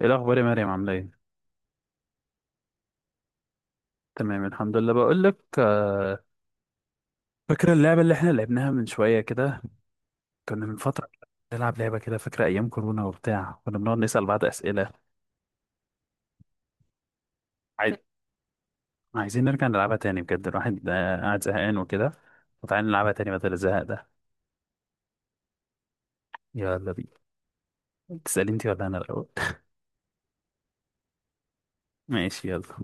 ايه الاخبار يا مريم، عامله ايه؟ تمام الحمد لله. بقول لك، فاكره اللعبه اللي احنا لعبناها من شويه كده، كنا من فتره نلعب لعبه كده؟ فاكره ايام كورونا وبتاع، كنا بنقعد نسال بعض اسئله. عايز... عايزين نرجع نلعبها تاني بجد، الواحد قاعد زهقان وكده، وتعالى نلعبها تاني بدل الزهق ده. يلا بينا. تسالي انت ولا انا الاول؟ ماشي، يلا.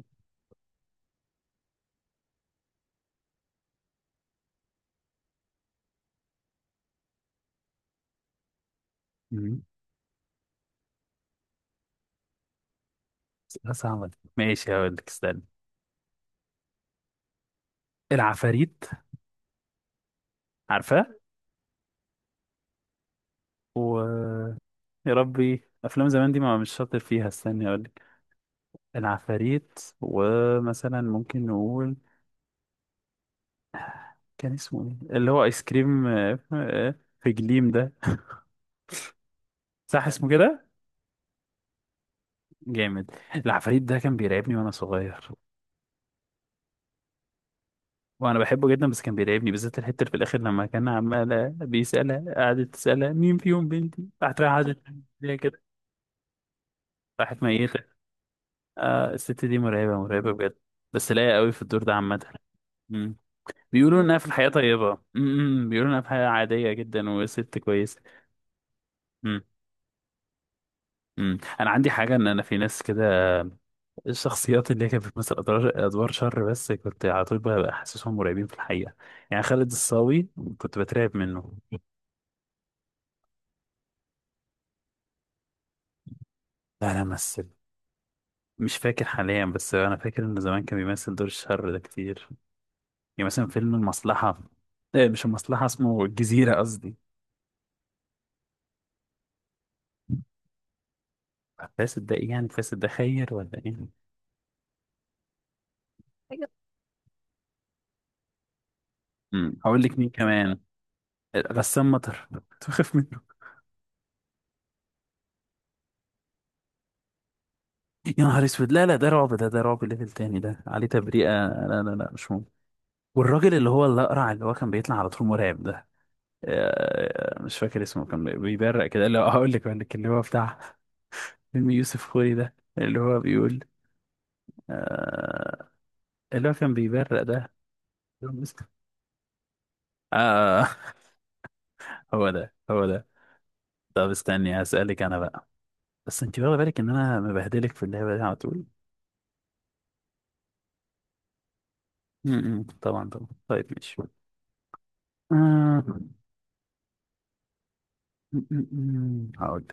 مم. أسئلة صعبة دي. ماشي هقول لك، استنى. العفاريت، عارفاه. و يا ربي، افلام زمان دي ما مش شاطر فيها، استني اقول. العفاريت، ومثلا ممكن نقول كان اسمه ايه اللي هو ايس كريم في جليم ده. صح اسمه كده؟ جامد. العفاريت ده كان بيرعبني وانا صغير. وانا بحبه جدا بس كان بيرعبني، بالذات الحته اللي في الاخر لما كان عمال بيسالها، قعدت تسالها مين فيهم بنتي، راحت رايحة قعدت زي كده، راحت ميته. آه، الست دي مرعبه مرعبه بجد. بس لايقه قوي في الدور ده عامه. مم. بيقولوا انها في الحياه طيبه، بيقولوا انها في الحياه عاديه جدا وست كويسه. انا عندي حاجه، ان انا في ناس كده، الشخصيات اللي هي كانت بتمثل ادوار شر، بس كنت على طول بقى حاسسهم مرعبين في الحقيقه. يعني خالد الصاوي، كنت بترعب منه. لا لا، مثل. مش فاكر حاليا بس انا فاكر انه زمان كان بيمثل دور الشر ده كتير، يعني مثلا فيلم المصلحه، إيه مش المصلحه، اسمه الجزيره قصدي. فاسد ده ايه يعني؟ فاسد ده خير ولا ايه؟ حاجة. هقول لك مين كمان. غسان مطر كنت بخاف. يا نهار اسود، لا لا، ده رعب، ده رعب ليفل تاني، ده عليه تبريئة، لا لا لا مش ممكن. والراجل اللي هو الأقرع اللي هو كان بيطلع على طول مرعب ده، مش فاكر اسمه، كان بيبرق كده اللي هو هقول لك، بقول لك اللي هو بتاع فيلم يوسف خوري ده اللي هو بيقول آه، اللي هو كان بيبرق ده. آه. هو ده هو ده. طب استني هسألك أنا بقى. بس أنت واخدة بالك إن أنا مبهدلك في اللعبة دي على طول؟ م- م، طبعا طبعا. طيب ماشي. آه، م- م- م، هقول.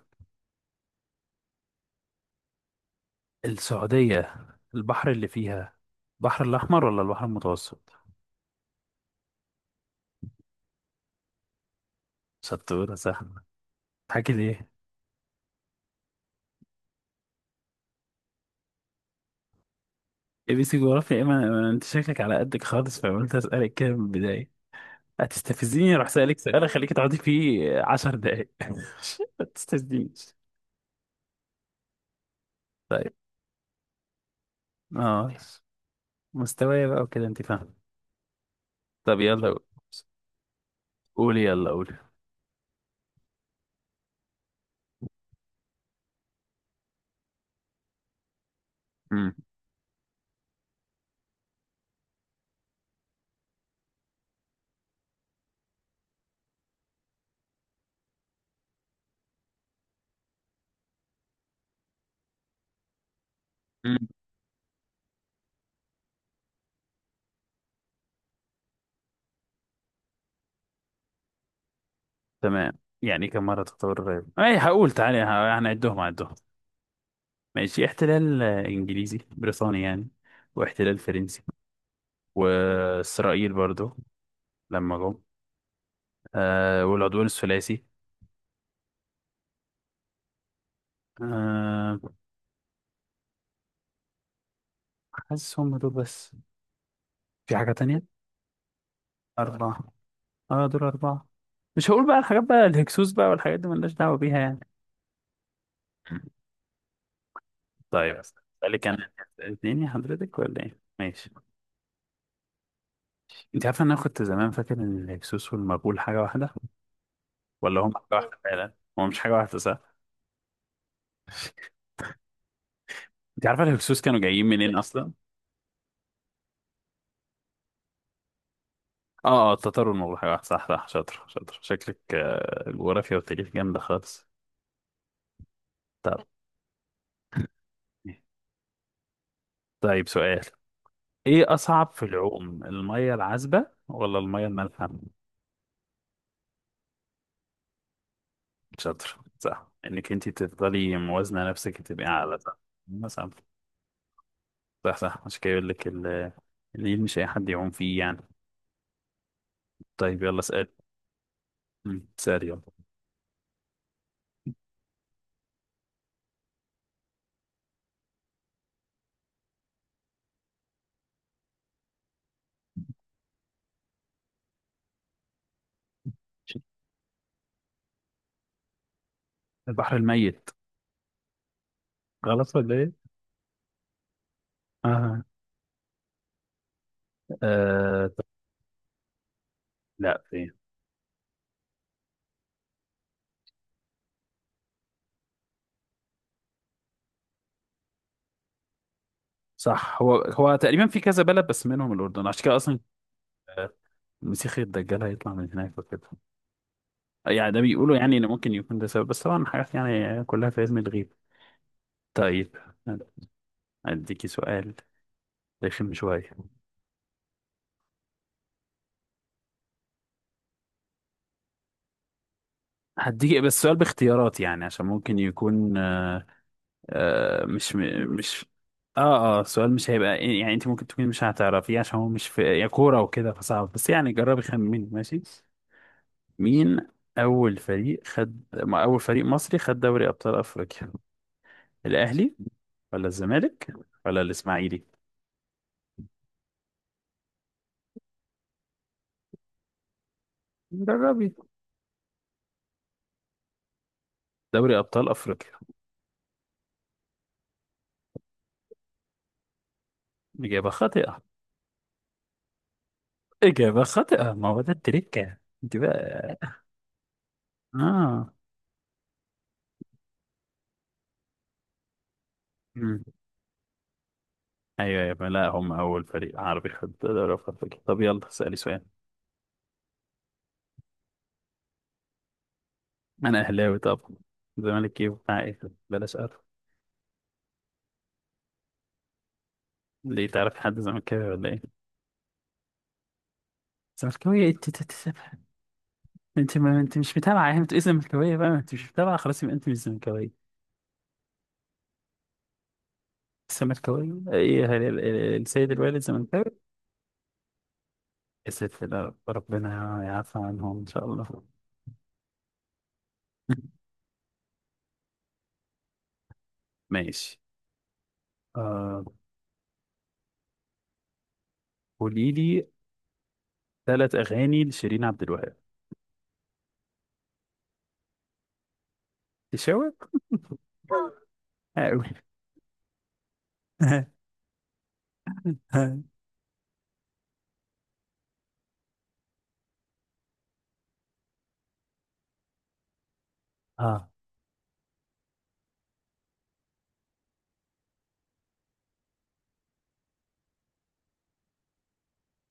السعودية، البحر اللي فيها البحر الأحمر ولا البحر المتوسط؟ شطورة، سهلة. حكي ليه؟ اي بي سي جغرافيا ايه؟ ما أنا- ما أنا- انت شكلك على قدك خالص، فقلت اسألك كده من البداية. هتستفزيني، راح سألك سؤال اخليك تقعدي فيه 10 دقايق. ما تستفزنيش. طيب. اه. مستوايا بقى وكده انت فاهم. طب يلا قول. قولي يلا قولي. مم. مم. تمام. يعني كم مرة تطور الرياض؟ اي هقول تعالي، هنعدهم هنعدهم. ماشي، احتلال انجليزي بريطاني يعني، واحتلال فرنسي، واسرائيل برضو لما جم، آه، والعدوان الثلاثي. آه. حاسس هم دول بس. في حاجة تانية؟ أربعة. اه دول أربعة. مش هقول بقى الحاجات بقى الهكسوس بقى والحاجات دي ملناش دعوة بيها يعني. طيب. اللي كان اتنين يا حضرتك ولا ايه؟ ماشي. انت عارف ان انا كنت زمان فاكر ان الهكسوس والمغول حاجة واحدة؟ ولا هم حاجة واحدة فعلا؟ هو مش حاجة واحدة صح؟ انت عارفة الهكسوس كانوا جايين منين اصلا؟ اه اه، التتار والملوخية واحد. صح صح. شاطر شاطر، شكلك الجغرافيا والتاريخ جامدة خالص. طب. طيب سؤال. ايه اصعب في العوم، المية العذبة ولا المية المالحة؟ شاطر. صح، انك انت تفضلي موازنة نفسك تبقى على صح. مثلا صح صح، عشان كده يقول لك النيل مش اي حد يعوم فيه يعني. طيب يلا اسال. اسال يلا. البحر الميت. غلط ولا ايه؟ اه. آه. لا، فين؟ صح، هو هو تقريبا في كذا بلد بس منهم الأردن، عشان كده أصلا المسيح الدجال هيطلع من هناك وكده. يعني ده بيقولوا يعني إن ممكن يكون ده سبب، بس طبعا حاجات يعني كلها في علم الغيب. طيب. أديكي سؤال رخم شوية. هديكي بس سؤال باختيارات، يعني عشان ممكن يكون آه مش م- مش اه سؤال مش هيبقى، يعني انت ممكن تكوني مش هتعرفيه عشان هو مش في يا كورة وكده فصعب، بس يعني جربي خمني. ماشي. مين أول فريق خد، ما أول فريق مصري خد دوري أبطال أفريقيا؟ الأهلي ولا الزمالك ولا الإسماعيلي؟ جربي. دوري أبطال أفريقيا. إجابة خاطئة. إجابة خاطئة، ما هو ده التريكة. أنت بقى. آه. مم. أيوه أيوه، لا هم أول فريق عربي خد دوري أبطال أفريقيا. طب يلا اسألي سؤال. أنا أهلاوي طبعا. زمالك إيه، بتاع إيه، بلاش أعرف. ليه تعرفي حد زملكاوي ولا إيه؟ زملكاوي إيه؟ انت ما انت مش متابعه يعني، انت اسم زملكاويه بقى، ما انت مش متابعه خلاص، يبقى انت مش زملكاويه. الزملكاويه ايه، السيد الوالد زملكاوي؟ يا ساتر. لا، ربنا يعفى عنهم ان شاء الله. ماشي. آه. قولي لي 3 اغاني لشيرين عبد الوهاب. تشاور. قوي. اه.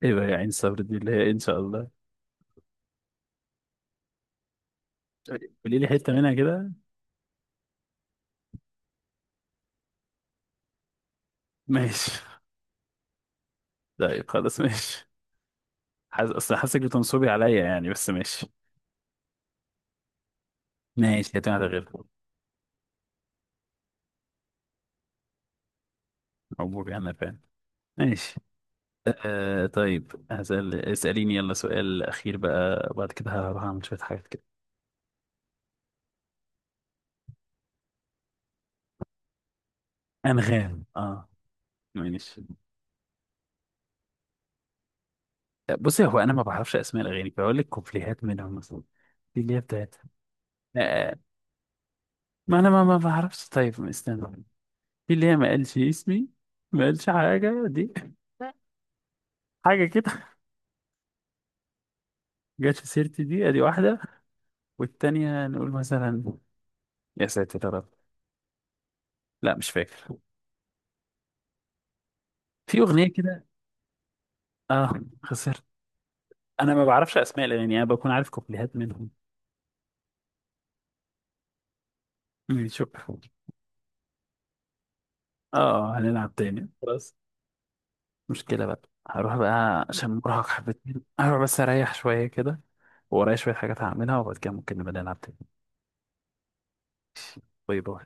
ايه بقى يا عين صبر دي اللي هي ان شاء الله؟ قولي لي حته منها كده. ماشي. طيب خلاص ماشي. حاس، اصل حاسك بتنصبي عليا يعني، بس ماشي. ماشي هتعمل غير. مبروك. انا فاهم. ماشي. آه، طيب هسأل، اسأليني يلا سؤال أخير بقى، وبعد كده هروح أعمل شوية حاجات كده. أنغام. اه. ماشي. بصي، هو أنا ما بعرفش أسماء الأغاني، فأقول لك كوبليهات منهم مثلا. في اللي هي بتاعت، آه. ما أنا ما بعرفش. طيب استنى. في اللي هي، ما قالش اسمي، ما قالش حاجة دي، حاجة كده، جت في سيرتي دي، أدي واحدة. والتانية نقول مثلا يا ساتر يا رب، لا مش فاكر. في أغنية كده. اه. خسرت. انا ما بعرفش اسماء الاغاني، انا بكون عارف كوبليهات منهم. شكرا. اه، هنلعب تاني خلاص. مشكله بقى. هروح بقى عشان مرهق حبتين، هروح بس اريح شويه كده. ورايا شويه حاجات هعملها، وبعد كده ممكن نبقى نلعب تاني. باي باي.